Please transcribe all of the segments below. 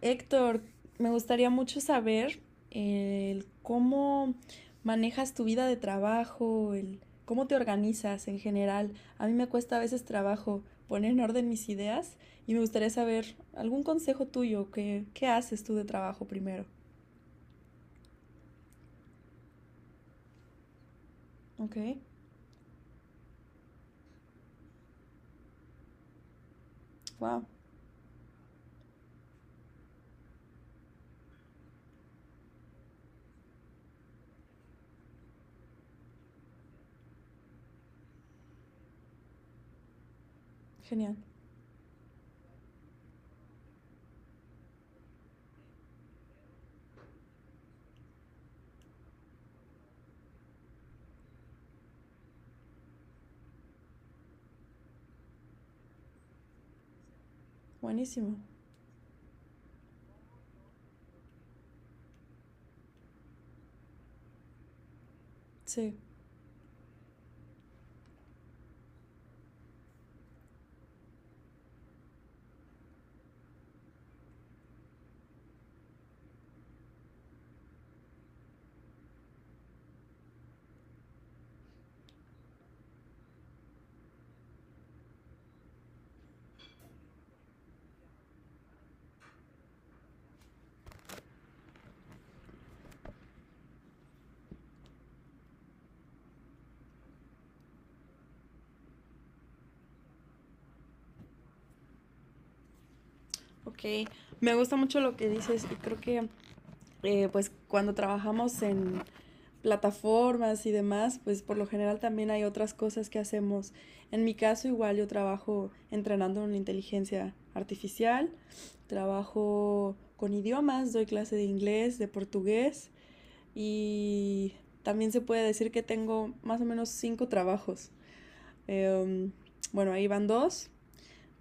Héctor, me gustaría mucho saber el cómo manejas tu vida de trabajo, el cómo te organizas en general. A mí me cuesta a veces trabajo poner en orden mis ideas y me gustaría saber algún consejo tuyo, que qué haces tú de trabajo primero. Ok, wow, genial, buenísimo, sí. Ok, me gusta mucho lo que dices y creo que pues cuando trabajamos en plataformas y demás, pues por lo general también hay otras cosas que hacemos. En mi caso igual yo trabajo entrenando en inteligencia artificial, trabajo con idiomas, doy clase de inglés, de portugués y también se puede decir que tengo más o menos cinco trabajos. Eh, bueno, ahí van dos.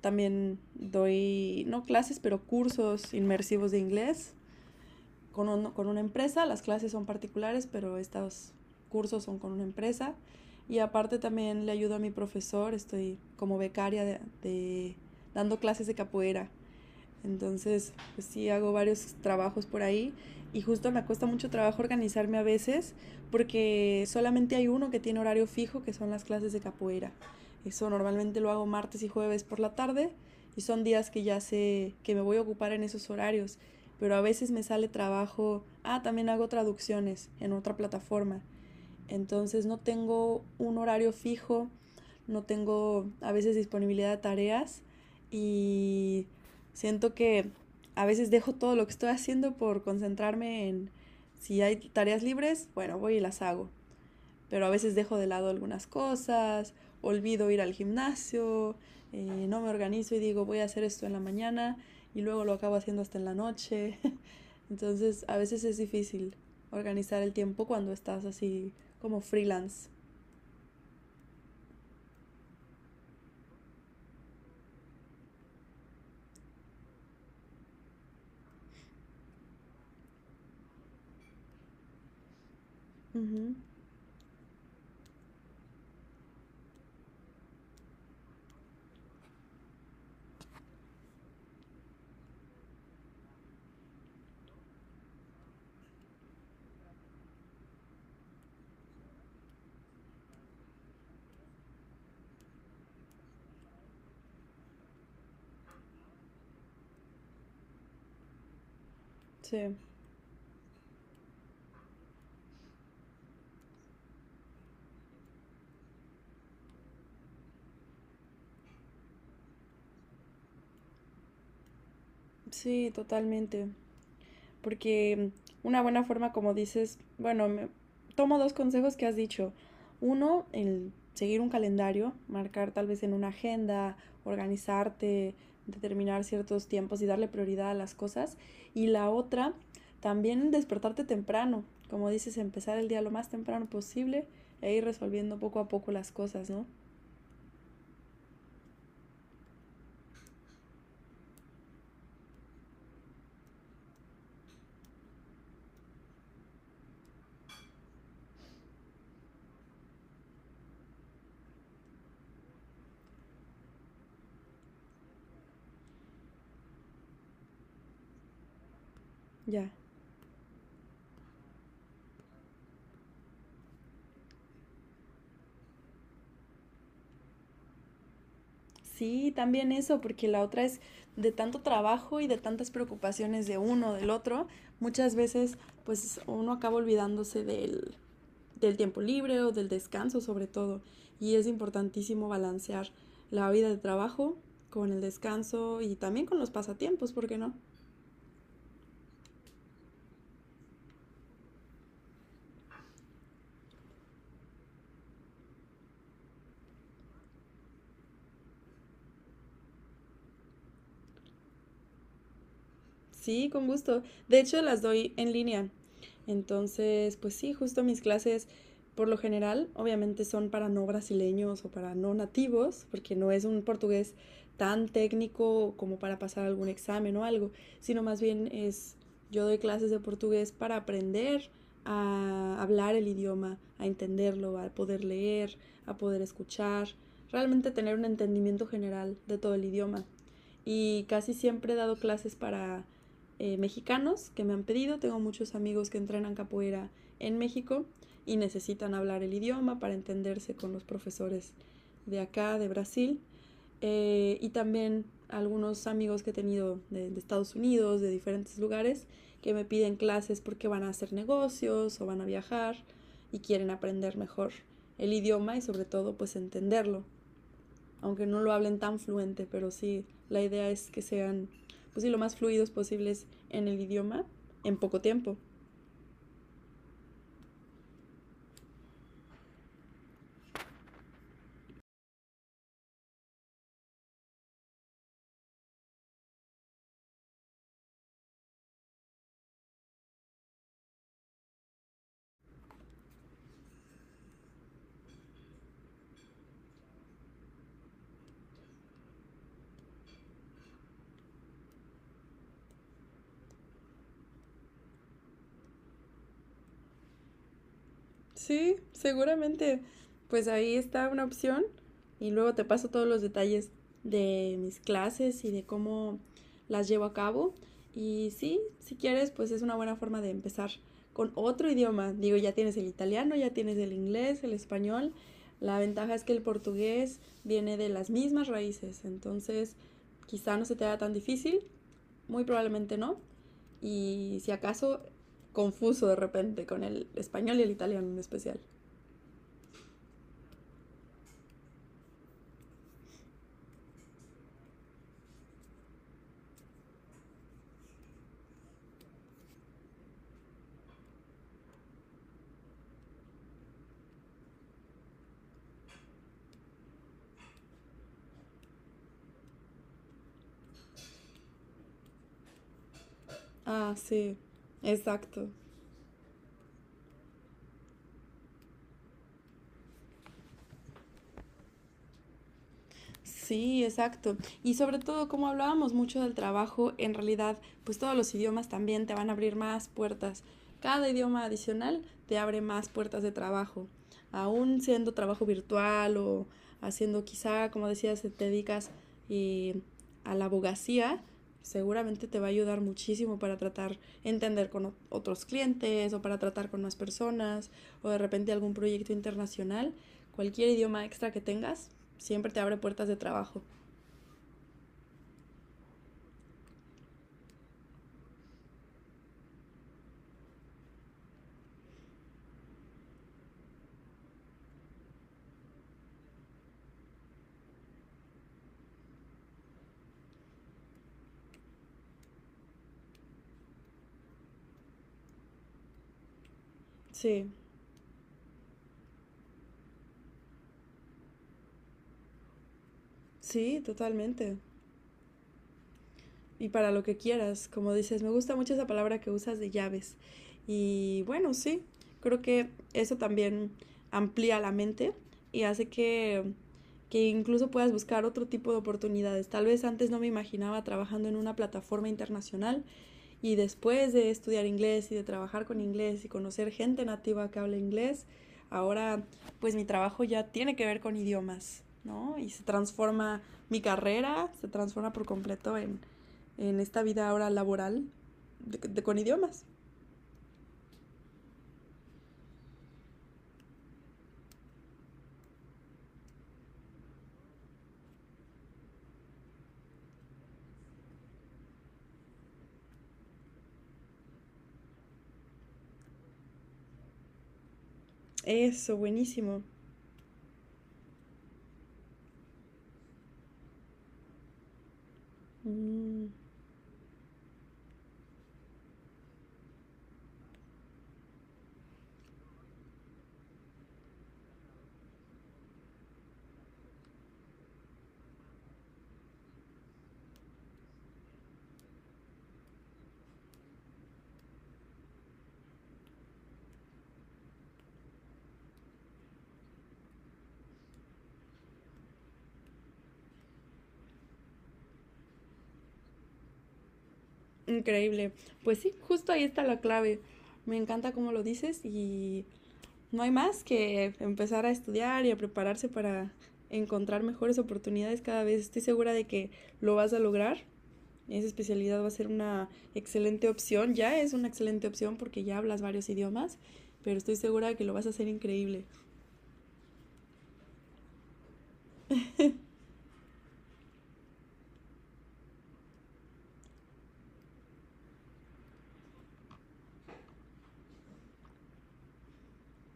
También doy, no clases, pero cursos inmersivos de inglés con, con una empresa, las clases son particulares, pero estos cursos son con una empresa. Y aparte también le ayudo a mi profesor, estoy como becaria de dando clases de capoeira, entonces, pues sí, hago varios trabajos por ahí y justo me cuesta mucho trabajo organizarme a veces porque solamente hay uno que tiene horario fijo, que son las clases de capoeira. Eso normalmente lo hago martes y jueves por la tarde y son días que ya sé que me voy a ocupar en esos horarios, pero a veces me sale trabajo. Ah, también hago traducciones en otra plataforma, entonces no tengo un horario fijo, no tengo a veces disponibilidad de tareas y siento que a veces dejo todo lo que estoy haciendo por concentrarme en si hay tareas libres, bueno, voy y las hago, pero a veces dejo de lado algunas cosas, olvido ir al gimnasio, no me organizo y digo voy a hacer esto en la mañana y luego lo acabo haciendo hasta en la noche. Entonces a veces es difícil organizar el tiempo cuando estás así como freelance. Uh -huh. Sí, sí, totalmente. Porque una buena forma, como dices, bueno, tomo dos consejos que has dicho. Uno, el seguir un calendario, marcar tal vez en una agenda, organizarte, determinar ciertos tiempos y darle prioridad a las cosas. Y la otra, también despertarte temprano, como dices, empezar el día lo más temprano posible e ir resolviendo poco a poco las cosas, ¿no? Ya. Sí, también eso, porque la otra es de tanto trabajo y de tantas preocupaciones de uno, del otro, muchas veces pues uno acaba olvidándose del, del tiempo libre o del descanso sobre todo. Y es importantísimo balancear la vida de trabajo con el descanso y también con los pasatiempos, ¿por qué no? Sí, con gusto. De hecho, las doy en línea. Entonces, pues sí, justo mis clases, por lo general, obviamente son para no brasileños o para no nativos, porque no es un portugués tan técnico como para pasar algún examen o algo, sino más bien es, yo doy clases de portugués para aprender a hablar el idioma, a entenderlo, a poder leer, a poder escuchar, realmente tener un entendimiento general de todo el idioma. Y casi siempre he dado clases para mexicanos que me han pedido. Tengo muchos amigos que entrenan capoeira en México y necesitan hablar el idioma para entenderse con los profesores de acá, de Brasil. Y también algunos amigos que he tenido de Estados Unidos, de diferentes lugares, que me piden clases porque van a hacer negocios o van a viajar y quieren aprender mejor el idioma y sobre todo pues entenderlo aunque no lo hablen tan fluente, pero sí, la idea es que sean, pues sí, lo más fluidos posibles en el idioma en poco tiempo. Sí, seguramente. Pues ahí está una opción y luego te paso todos los detalles de mis clases y de cómo las llevo a cabo. Y sí, si quieres, pues es una buena forma de empezar con otro idioma. Digo, ya tienes el italiano, ya tienes el inglés, el español. La ventaja es que el portugués viene de las mismas raíces, entonces quizá no se te haga tan difícil, muy probablemente no. Y si acaso, confuso de repente con el español y el italiano en especial. Ah, sí, exacto. Sí, exacto. Y sobre todo, como hablábamos mucho del trabajo, en realidad, pues todos los idiomas también te van a abrir más puertas. Cada idioma adicional te abre más puertas de trabajo. Aún siendo trabajo virtual o haciendo quizá, como decías, te dedicas eh, a la abogacía, seguramente te va a ayudar muchísimo para tratar, entender con otros clientes o para tratar con más personas o de repente algún proyecto internacional. Cualquier idioma extra que tengas siempre te abre puertas de trabajo. Sí, sí, totalmente. Y para lo que quieras, como dices, me gusta mucho esa palabra que usas de llaves. Y bueno, sí, creo que eso también amplía la mente y hace que incluso puedas buscar otro tipo de oportunidades. Tal vez antes no me imaginaba trabajando en una plataforma internacional, y después de estudiar inglés y de trabajar con inglés y conocer gente nativa que habla inglés, ahora pues mi trabajo ya tiene que ver con idiomas, ¿no? Y se transforma mi carrera, se transforma por completo en esta vida ahora laboral con idiomas. Eso, buenísimo. Mm, increíble. Pues sí, justo ahí está la clave. Me encanta cómo lo dices y no hay más que empezar a estudiar y a prepararse para encontrar mejores oportunidades cada vez. Estoy segura de que lo vas a lograr. Esa especialidad va a ser una excelente opción. Ya es una excelente opción porque ya hablas varios idiomas, pero estoy segura de que lo vas a hacer increíble.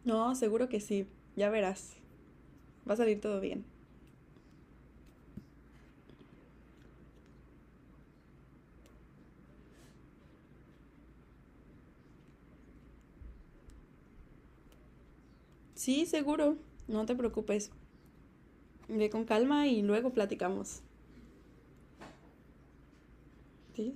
No, seguro que sí. Ya verás. Va a salir todo bien. Sí, seguro. No te preocupes. Ve con calma y luego platicamos. ¿Sí?